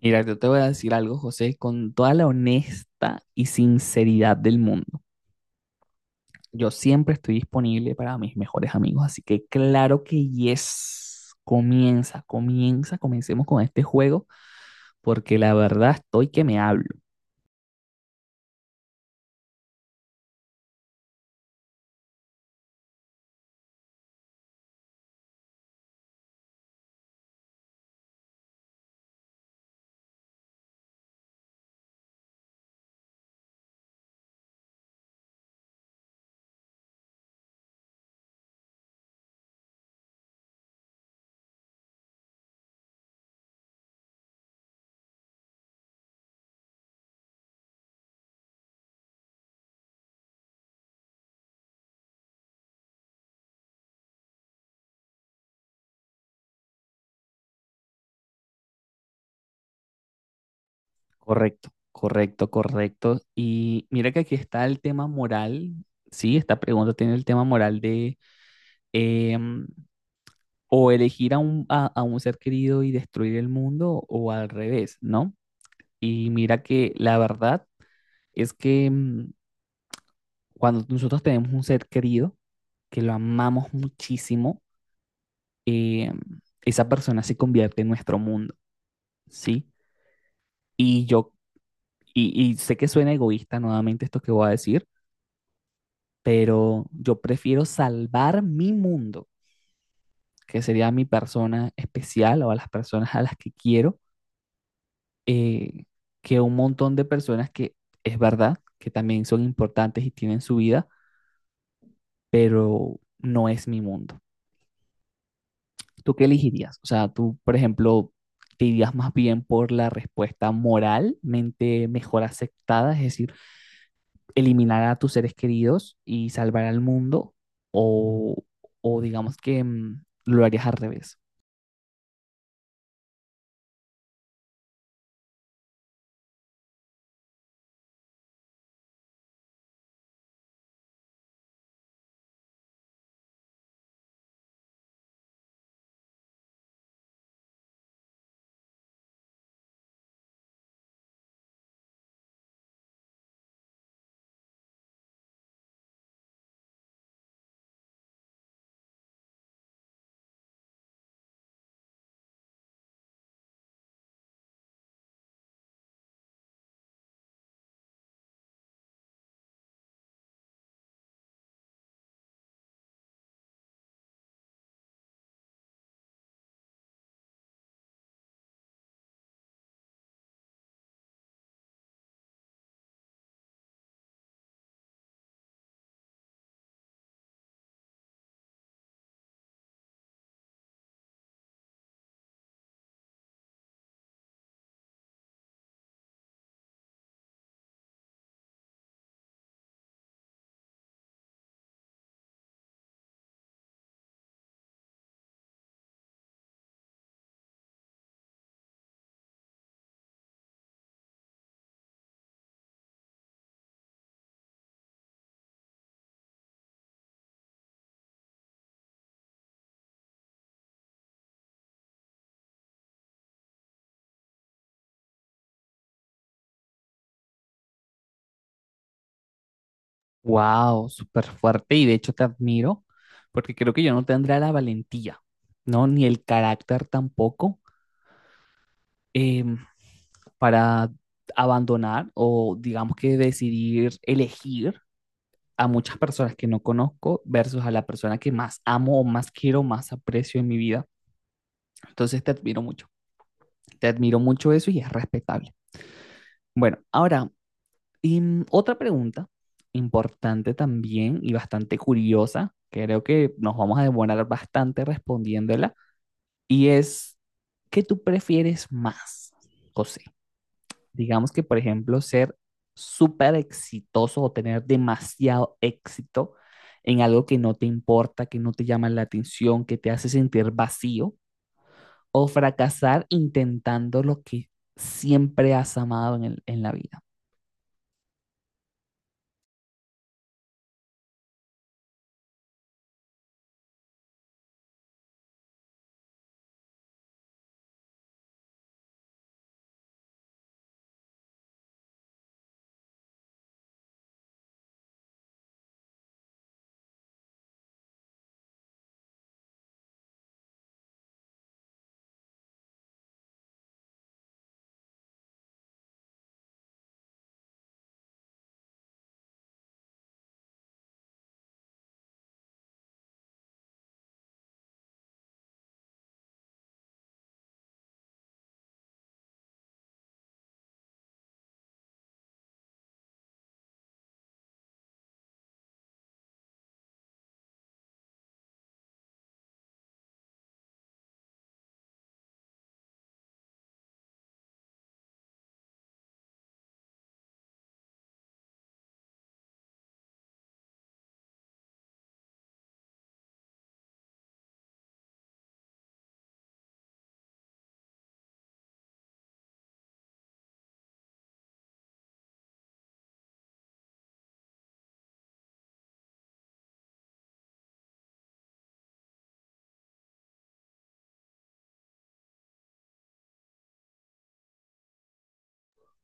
Mira, yo te voy a decir algo, José, con toda la honesta y sinceridad del mundo. Yo siempre estoy disponible para mis mejores amigos, así que claro que yes. Comencemos con este juego, porque la verdad estoy que me hablo. Correcto, correcto, correcto. Y mira que aquí está el tema moral. Sí, esta pregunta tiene el tema moral de em, o elegir a a un ser querido y destruir el mundo o al revés, ¿no? Y mira que la verdad es que cuando nosotros tenemos un ser querido, que lo amamos muchísimo, eh, esa persona se convierte en nuestro mundo, ¿sí? Y yo, y sé que suena egoísta nuevamente esto que voy a decir, pero yo prefiero salvar mi mundo, que sería mi persona especial o a las personas a las que quiero, eh, que un montón de personas que es verdad que también son importantes y tienen su vida, pero no es mi mundo. ¿Tú qué elegirías? O sea, tú, por ejemplo, te irías más bien por la respuesta moralmente mejor aceptada, es decir, eliminar a tus seres queridos y salvar al mundo, o, o digamos que lo harías al revés. Wow, súper fuerte y de hecho te admiro porque creo que yo no tendría la valentía, ¿no? Ni el carácter tampoco eh, para abandonar o digamos que decidir elegir a muchas personas que no conozco versus a la persona que más amo o más quiero, más aprecio en mi vida. Entonces te admiro mucho eso y es respetable. Bueno, ahora, y, otra pregunta importante también y bastante curiosa, creo que nos vamos a demorar bastante respondiéndola, y es, ¿qué tú prefieres más, José? Digamos que, por ejemplo, ser súper exitoso o tener demasiado éxito en algo que no te importa, que no te llama la atención, que te hace sentir vacío, o fracasar intentando lo que siempre has amado en en la vida.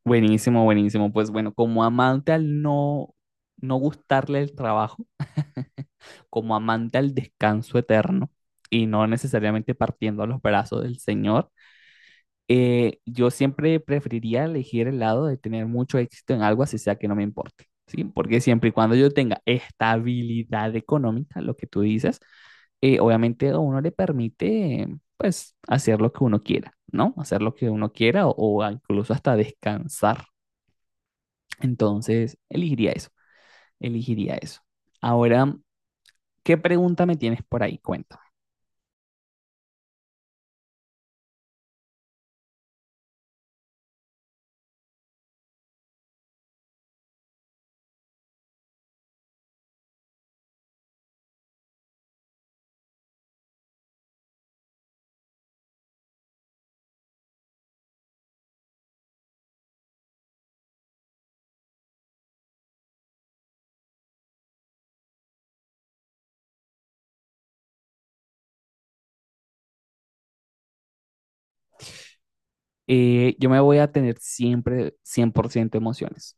Buenísimo, buenísimo. Pues bueno, como amante al no gustarle el trabajo, como amante al descanso eterno y no necesariamente partiendo a los brazos del Señor, yo siempre preferiría elegir el lado de tener mucho éxito en algo, así sea que no me importe, ¿sí? Porque siempre y cuando yo tenga estabilidad económica, lo que tú dices, obviamente a uno le permite, pues, hacer lo que uno quiera, ¿no? Hacer lo que uno quiera o incluso hasta descansar. Entonces, elegiría eso, elegiría eso. Ahora, ¿qué pregunta me tienes por ahí? Cuéntame. Yo me voy a tener siempre 100% emociones.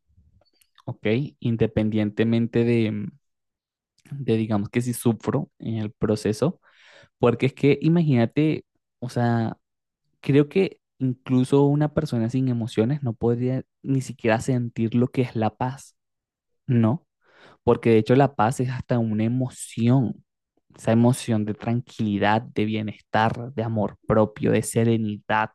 Ok, independientemente de, digamos que si sufro en el proceso, porque es que imagínate, o sea, creo que incluso una persona sin emociones no podría ni siquiera sentir lo que es la paz, ¿no? Porque de hecho la paz es hasta una emoción, esa emoción de tranquilidad, de bienestar, de amor propio, de serenidad,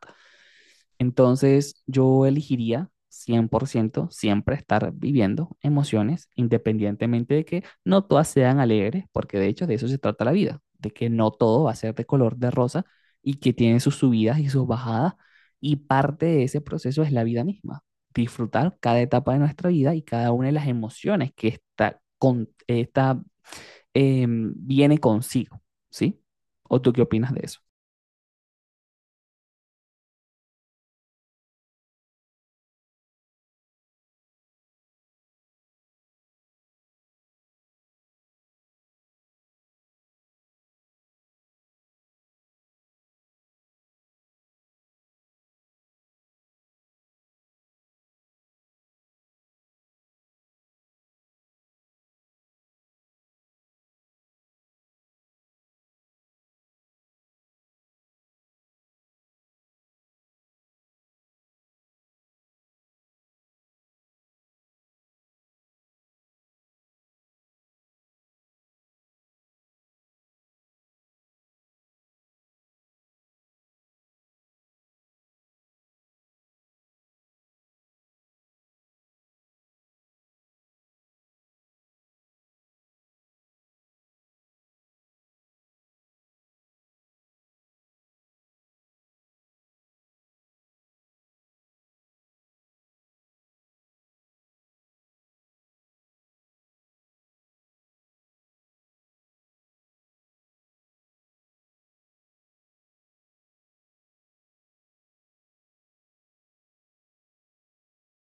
entonces, yo elegiría 100% siempre estar viviendo emociones, independientemente de que no todas sean alegres, porque de hecho de eso se trata la vida, de que no todo va a ser de color de rosa y que tiene sus subidas y sus bajadas, y parte de ese proceso es la vida misma, disfrutar cada etapa de nuestra vida y cada una de las emociones que esta, esta, viene consigo, ¿sí? ¿O tú qué opinas de eso?